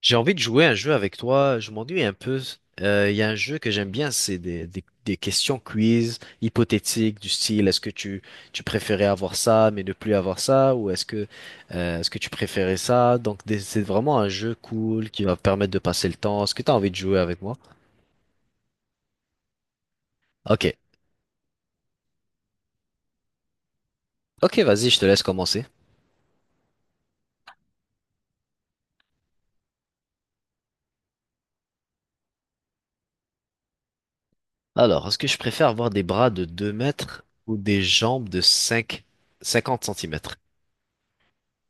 J'ai envie de jouer à un jeu avec toi. Je m'ennuie un peu. Il y a un jeu que j'aime bien, c'est des questions quiz hypothétiques du style est-ce que tu préférais avoir ça mais ne plus avoir ça, ou est-ce que tu préférais ça? Donc c'est vraiment un jeu cool qui va permettre de passer le temps. Est-ce que tu as envie de jouer avec moi? Ok. Ok, vas-y, je te laisse commencer. Alors, est-ce que je préfère avoir des bras de 2 mètres ou des jambes de cinquante centimètres?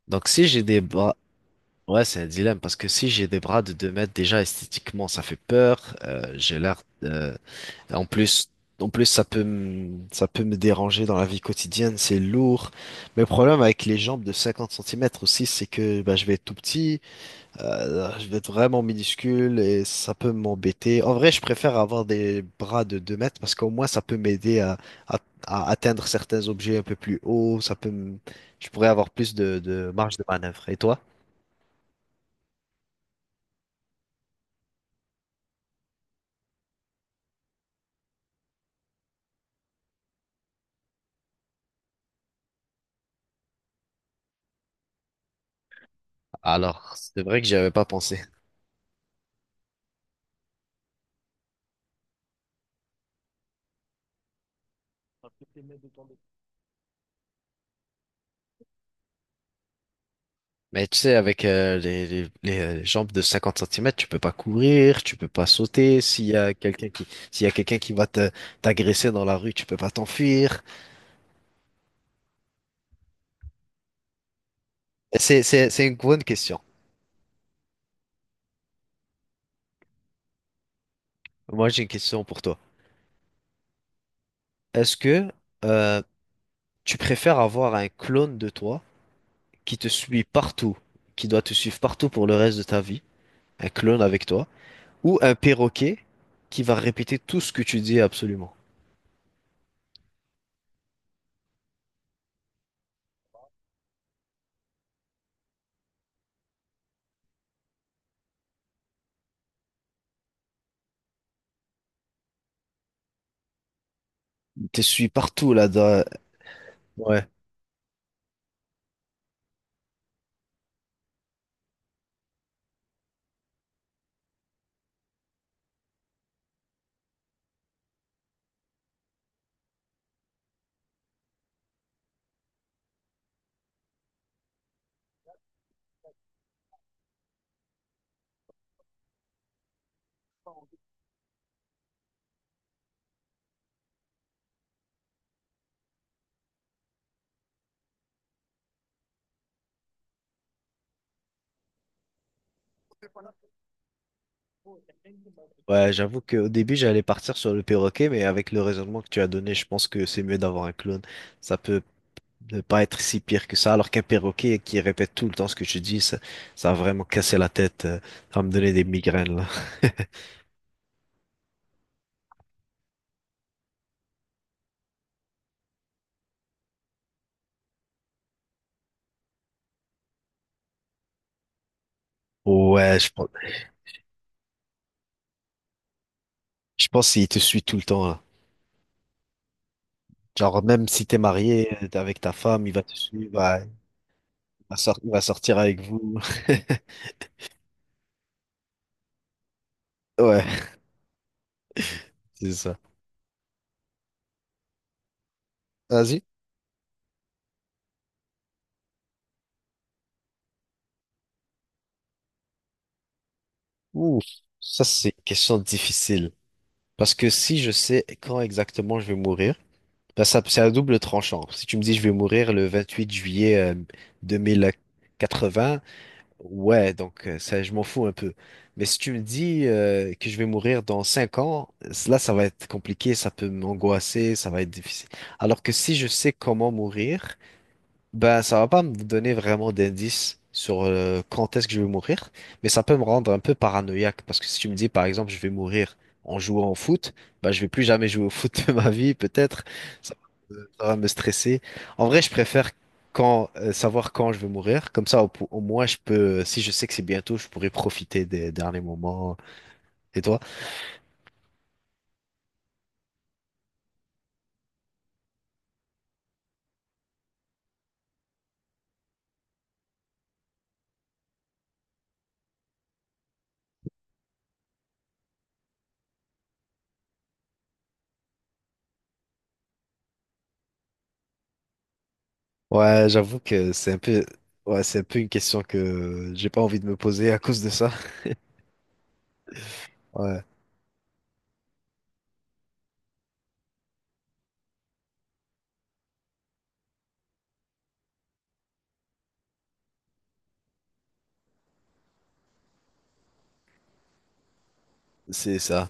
Donc si j'ai des bras. Ouais, c'est un dilemme parce que si j'ai des bras de 2 mètres, déjà esthétiquement, ça fait peur. J'ai l'air. En plus, ça peut me déranger dans la vie quotidienne. C'est lourd. Mais le problème avec les jambes de 50 centimètres aussi, c'est que bah, je vais être tout petit, je vais être vraiment minuscule et ça peut m'embêter. En vrai, je préfère avoir des bras de 2 mètres parce qu'au moins, ça peut m'aider à, atteindre certains objets un peu plus haut. Je pourrais avoir plus de marge de manœuvre. Et toi? Alors, c'est vrai que j'y avais pas pensé. Mais tu sais, avec les, jambes de 50 centimètres, tu peux pas courir, tu peux pas sauter. S'il y a quelqu'un qui va t'agresser dans la rue, tu peux pas t'enfuir. C'est une bonne question. Moi, j'ai une question pour toi. Est-ce que euh, tu préfères avoir un clone de toi qui te suit partout, qui doit te suivre partout pour le reste de ta vie, un clone avec toi, ou un perroquet qui va répéter tout ce que tu dis absolument? Il te suit partout là-dedans. Ouais. Ouais, j'avoue qu'au début, j'allais partir sur le perroquet, mais avec le raisonnement que tu as donné, je pense que c'est mieux d'avoir un clone. Ça peut ne pas être si pire que ça, alors qu'un perroquet qui répète tout le temps ce que tu dis, ça va vraiment casser la tête. Ça va me donner des migraines, là. Ouais, je pense qu'il te suit tout le temps, là. Genre, même si t'es marié avec ta femme, il va te suivre, ouais, il va sortir avec vous. Ouais, c'est ça. Vas-y. Ouh, ça, c'est une question difficile. Parce que si je sais quand exactement je vais mourir, ben, ça c'est à double tranchant. Si tu me dis je vais mourir le 28 juillet 2080, ouais, donc ça, je m'en fous un peu. Mais si tu me dis que je vais mourir dans 5 ans, là, ça va être compliqué, ça peut m'angoisser, ça va être difficile. Alors que si je sais comment mourir, ben ça va pas me donner vraiment d'indices sur quand est-ce que je vais mourir, mais ça peut me rendre un peu paranoïaque parce que si tu me dis par exemple je vais mourir en jouant au foot, bah je vais plus jamais jouer au foot de ma vie peut-être. Ça, ça va me stresser. En vrai, je préfère quand savoir quand je vais mourir, comme ça au moins je peux, si je sais que c'est bientôt, je pourrais profiter des derniers moments. Et toi? Ouais, j'avoue que c'est un peu, ouais, c'est un peu une question que j'ai pas envie de me poser à cause de ça. Ouais, c'est ça.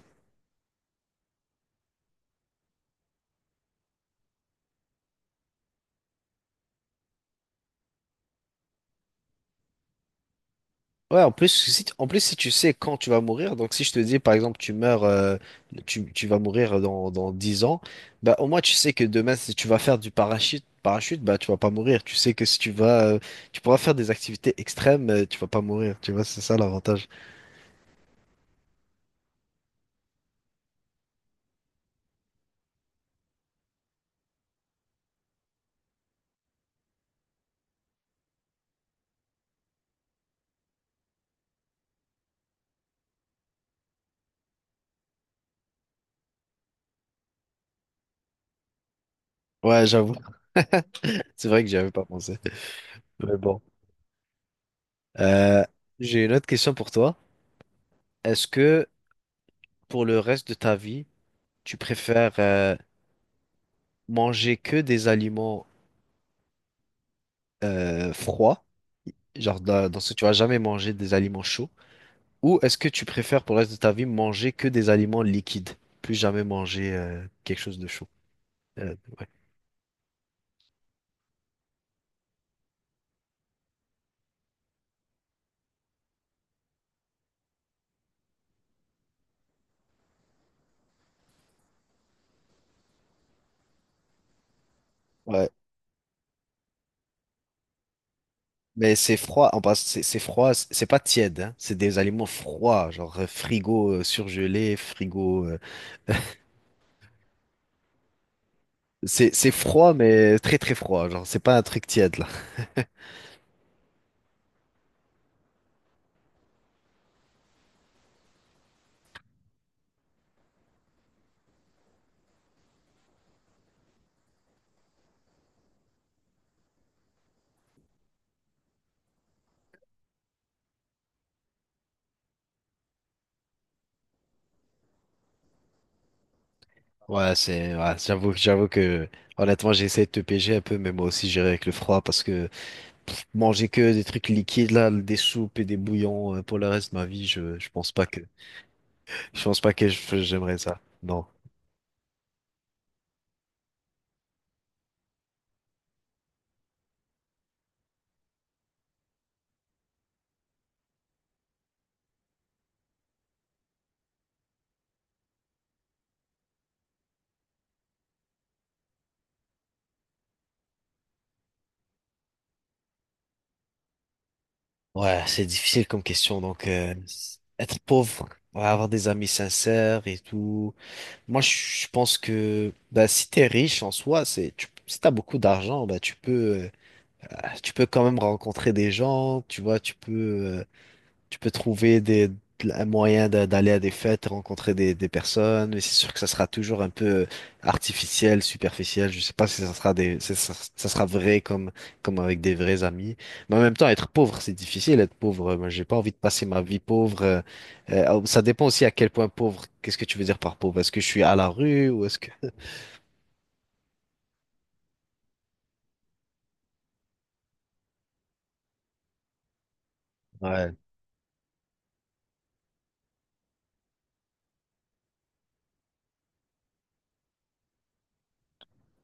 Ouais, en plus, si tu sais quand tu vas mourir, donc si je te dis, par exemple, tu vas mourir dans, 10 ans, bah, au moins, tu sais que demain, si tu vas faire du parachute, bah, tu vas pas mourir. Tu sais que si tu pourras faire des activités extrêmes, tu vas pas mourir. Tu vois, c'est ça l'avantage. Ouais, j'avoue. C'est vrai que j'y avais pas pensé. Mais bon. Euh, j'ai une autre question pour toi. Est-ce que pour le reste de ta vie, tu préfères, manger que des aliments froid, genre dans ce que tu vas jamais manger des aliments chauds, ou est-ce que tu préfères pour le reste de ta vie manger que des aliments liquides, plus jamais manger quelque chose de chaud. Euh, ouais. Ouais. Mais c'est froid, en passe, c'est froid, c'est pas tiède, hein, c'est des aliments froids, genre frigo, surgelé, frigo. C'est froid, mais très très froid, genre c'est pas un truc tiède là. Ouais, ouais, j'avoue que honnêtement j'ai essayé de te piéger un peu, mais moi aussi j'irai avec le froid parce que pff, manger que des trucs liquides là, des soupes et des bouillons pour le reste de ma vie, je pense pas que j'aimerais ça. Non. Ouais, c'est difficile comme question. Donc être pauvre, ouais, avoir des amis sincères et tout. Moi, je pense que bah, si t'es riche en soi, si t'as beaucoup d'argent, bah tu peux quand même rencontrer des gens, tu vois, euh, Tu peux trouver des un moyen d'aller à des fêtes, rencontrer des personnes, mais c'est sûr que ça sera toujours un peu artificiel, superficiel. Je sais pas si ça sera si ça, ça sera vrai comme avec des vrais amis. Mais en même temps, être pauvre, c'est difficile. Être pauvre, moi, j'ai pas envie de passer ma vie pauvre. Oh, ça dépend aussi à quel point pauvre. Qu'est-ce que tu veux dire par pauvre? Est-ce que je suis à la rue, ou est-ce que Ouais.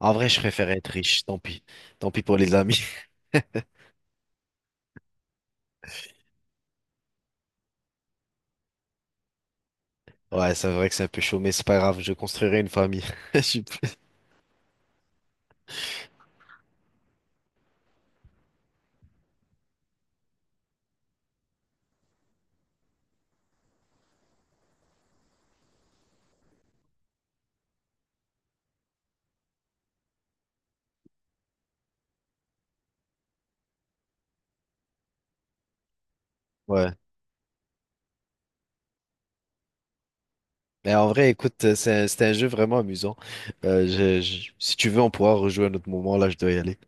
En vrai, je préfère être riche. Tant pis. Tant pis pour les amis. Ouais, c'est vrai que c'est un peu chaud, mais c'est pas grave. Je construirai une famille. Je suis- Ouais. Mais en vrai, écoute, c'est un, jeu vraiment amusant. Si tu veux, on pourra rejouer à un autre moment. Là, je dois y aller.